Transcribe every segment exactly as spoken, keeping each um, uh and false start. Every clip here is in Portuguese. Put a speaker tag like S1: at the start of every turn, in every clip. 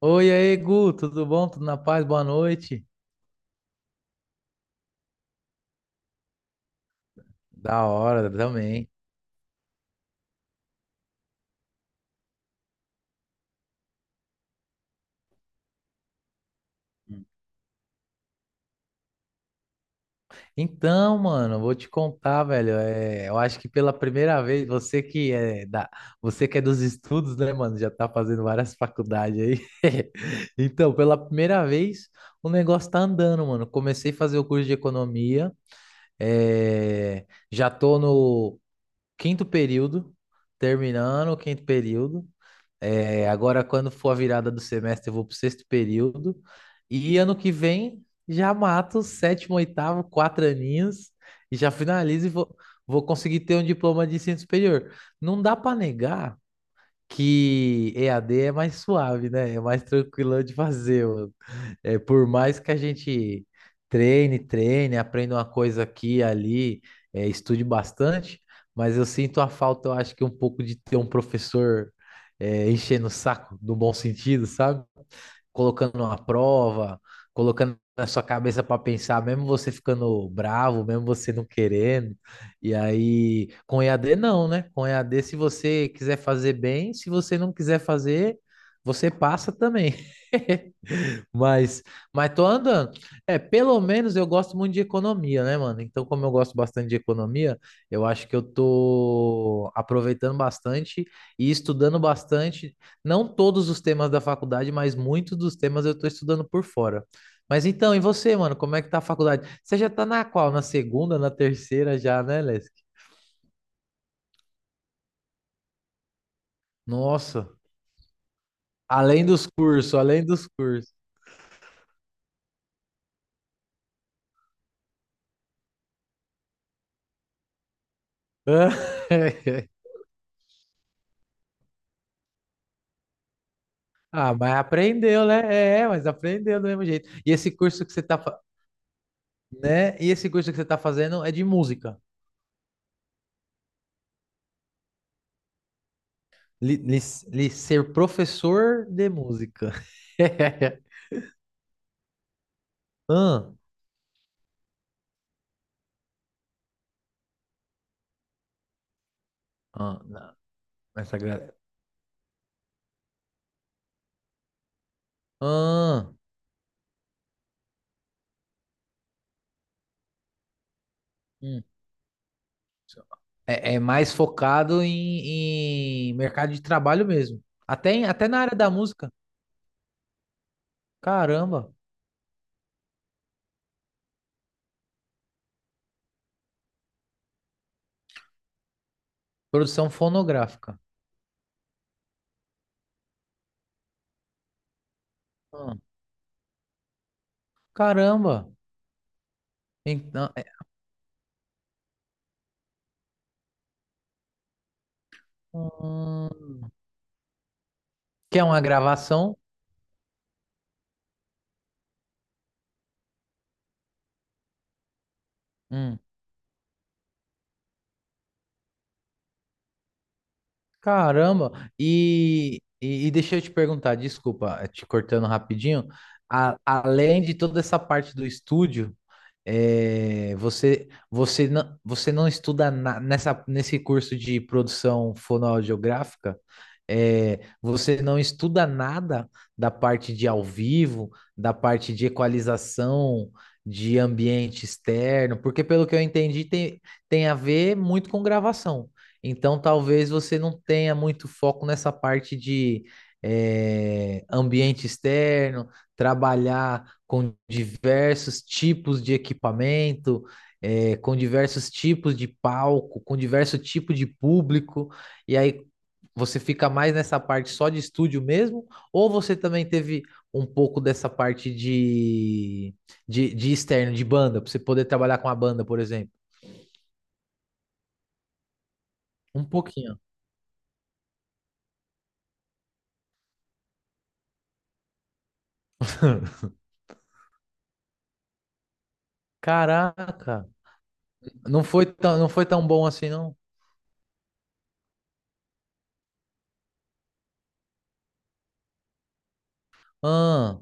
S1: Oi, aí, Gu, tudo bom? Tudo na paz? Boa noite. Da hora também. Então, mano, vou te contar, velho. É, eu acho que pela primeira vez, você que é da, você que é dos estudos, né, mano? Já tá fazendo várias faculdades aí. Então, pela primeira vez, o negócio tá andando, mano. Comecei a fazer o curso de economia. É, já tô no quinto período, terminando o quinto período. É, agora, quando for a virada do semestre, eu vou pro sexto período. E ano que vem já mato sétimo, oitavo, quatro aninhos e já finalizo e vou, vou conseguir ter um diploma de ensino superior. Não dá para negar que E A D é mais suave, né? É mais tranquilo de fazer, mano. É, por mais que a gente treine, treine, aprenda uma coisa aqui e ali, é, estude bastante, mas eu sinto a falta, eu acho que um pouco de ter um professor é, enchendo o saco, no bom sentido, sabe? Colocando uma prova, colocando na sua cabeça para pensar, mesmo você ficando bravo, mesmo você não querendo. E aí, com E A D não, né? Com E A D, se você quiser fazer bem, se você não quiser fazer, você passa também. Mas, mas tô andando. É, pelo menos eu gosto muito de economia, né, mano? Então, como eu gosto bastante de economia, eu acho que eu tô aproveitando bastante e estudando bastante, não todos os temas da faculdade, mas muitos dos temas eu tô estudando por fora. Mas então, e você, mano, como é que tá a faculdade? Você já tá na qual? Na segunda, na terceira já, né, Lesk? Nossa, além dos cursos, além dos cursos. Ah, mas aprendeu, né? É, mas aprendeu do mesmo jeito. E esse curso que você tá, fa- né? E esse curso que você tá fazendo é de música. Li, li- li- ser professor de música. Ah, ah, não, essa gra- Ah, hum. É, é mais focado em, em mercado de trabalho mesmo. Até, em- até na área da música. Caramba, produção fonográfica. Ah, caramba. Então, é, hum, que é uma gravação? Hum. Caramba! E, e, e deixa eu te perguntar, desculpa, eh, te cortando rapidinho. A- além de toda essa parte do estúdio, é, você, você não, você não estuda na- nessa, nesse curso de produção fonoaudiográfica, é, você não estuda nada da parte de ao vivo, da parte de equalização, de ambiente externo, porque pelo que eu entendi, tem, tem a ver muito com gravação. Então, talvez você não tenha muito foco nessa parte de, é, ambiente externo, trabalhar com diversos tipos de equipamento, eh, com diversos tipos de palco, com diversos tipos de público, e aí você fica mais nessa parte só de estúdio mesmo, ou você também teve um pouco dessa parte de, de, de externo, de banda, para você poder trabalhar com a banda, por exemplo? Um pouquinho. Caraca, não foi tão, não foi tão bom assim, não? Ah,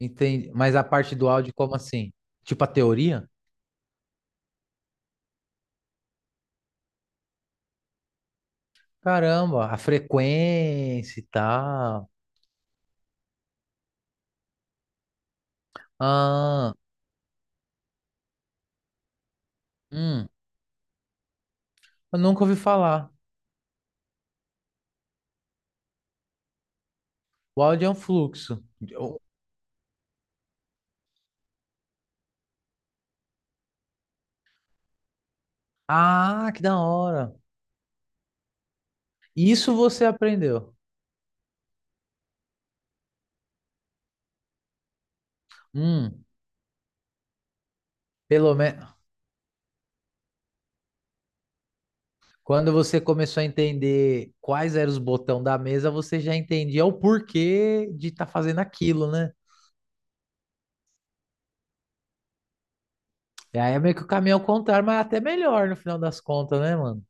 S1: entendi. Mas a parte do áudio, como assim? Tipo a teoria? Caramba, a frequência e tal. Ah, hum, eu nunca ouvi falar. O áudio é um fluxo. Ah, que da hora. Isso você aprendeu. Hum, pelo menos quando você começou a entender quais eram os botões da mesa, você já entendia o porquê de estar fazendo aquilo, né? E aí é meio que o caminho ao contrário, mas é até melhor no final das contas, né, mano?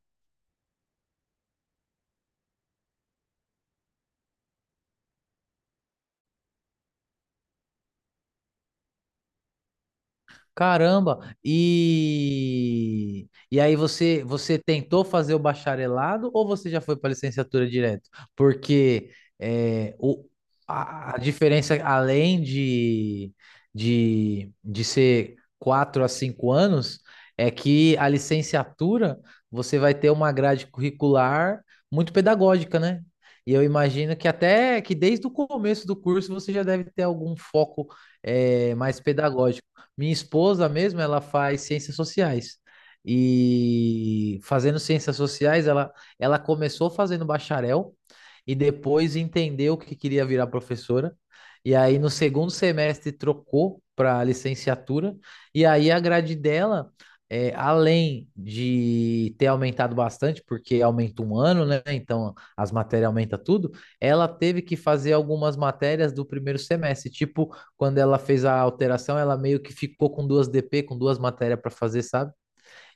S1: Caramba! E e aí você você tentou fazer o bacharelado ou você já foi para licenciatura direto? Porque é, o, a, a diferença além de, de de ser quatro a cinco anos é que a licenciatura você vai ter uma grade curricular muito pedagógica, né? E eu imagino que até que desde o começo do curso você já deve ter algum foco eh, mais pedagógico. Minha esposa mesmo, ela faz ciências sociais. E fazendo ciências sociais, ela, ela começou fazendo bacharel e depois entendeu que queria virar professora. E aí, no segundo semestre, trocou para licenciatura. E aí, a grade dela, é, além de ter aumentado bastante, porque aumenta um ano, né? Então, as matérias aumentam tudo. Ela teve que fazer algumas matérias do primeiro semestre, tipo quando ela fez a alteração, ela meio que ficou com duas D P, com duas matérias para fazer, sabe?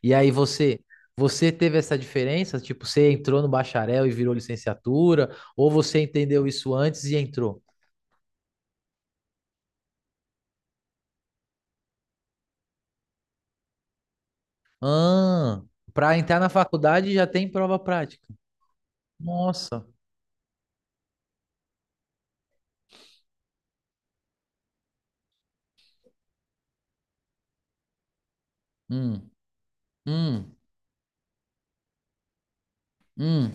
S1: E aí você, você teve essa diferença? Tipo, você entrou no bacharel e virou licenciatura, ou você entendeu isso antes e entrou? Ah, para entrar na faculdade já tem prova prática. Nossa. Hum, hum, hum.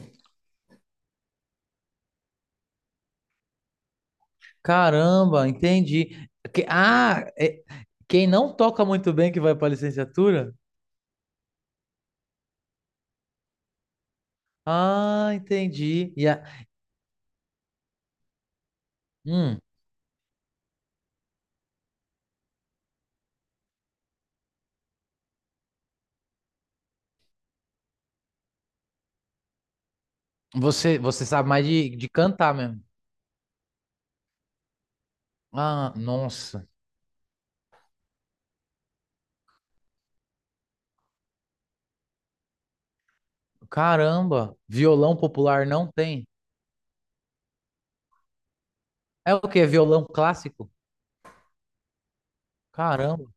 S1: Caramba, entendi. Que- Ah, é- quem não toca muito bem que vai para licenciatura? Ah, entendi. E a- hum. Você, você sabe mais de, de cantar mesmo. Ah, nossa. Caramba. Violão popular não tem. É o quê? Violão clássico? Caramba.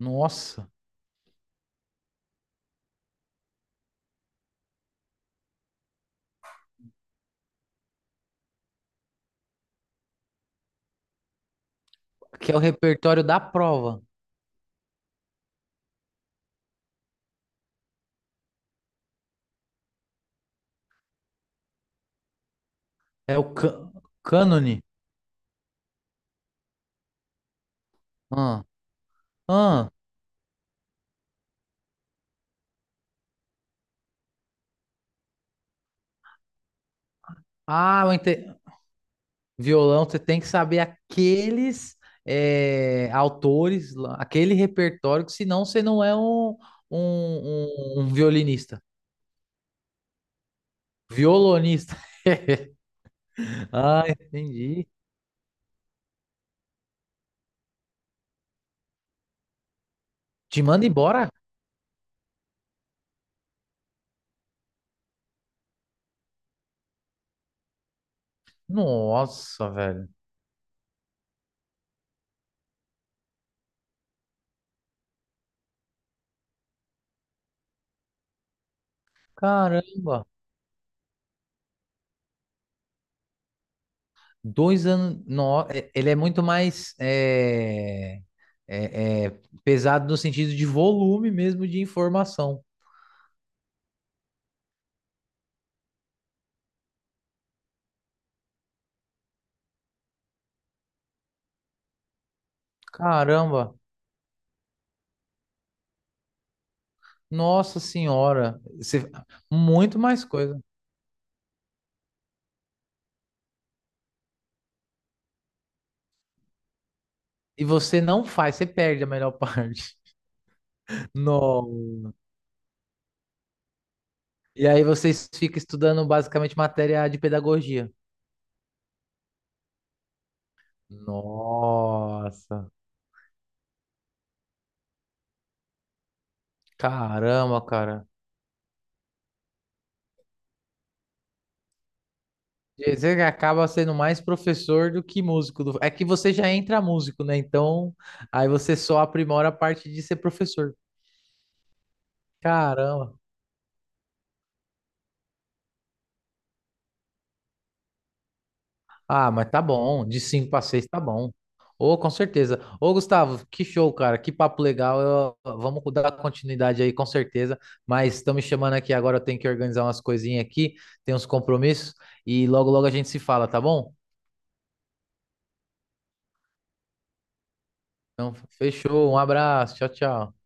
S1: Nossa. Que é o repertório da prova. É o cânone. Cânone. Ah, ah. Ah, eu ente- Violão, você tem que saber aqueles eh, autores, lá, aquele repertório, que senão você não é um, um, um um violinista. Violonista. Ah, entendi. Te manda embora? Nossa, velho. Caramba. Dois anos. No... é- Ele é muito mais é, é, é, pesado no sentido de volume mesmo de informação. Caramba. Nossa senhora. Você... Muito mais coisa. E você não faz, você perde a melhor parte. Não. E aí vocês ficam estudando basicamente matéria de pedagogia. Nossa. Caramba, cara. Dizer que acaba sendo mais professor do que músico. do- É que você já entra músico, né? Então, aí você só aprimora a parte de ser professor. Caramba. Ah, mas tá bom. De cinco para seis tá bom. Ô, com certeza. Ô, Gustavo, que show, cara. Que papo legal. Eu- Vamos dar continuidade aí, com certeza. Mas estão me chamando aqui agora. Eu tenho que organizar umas coisinhas aqui. Tem uns compromissos. E logo, logo a gente se fala, tá bom? Então, fechou. Um abraço. Tchau, tchau.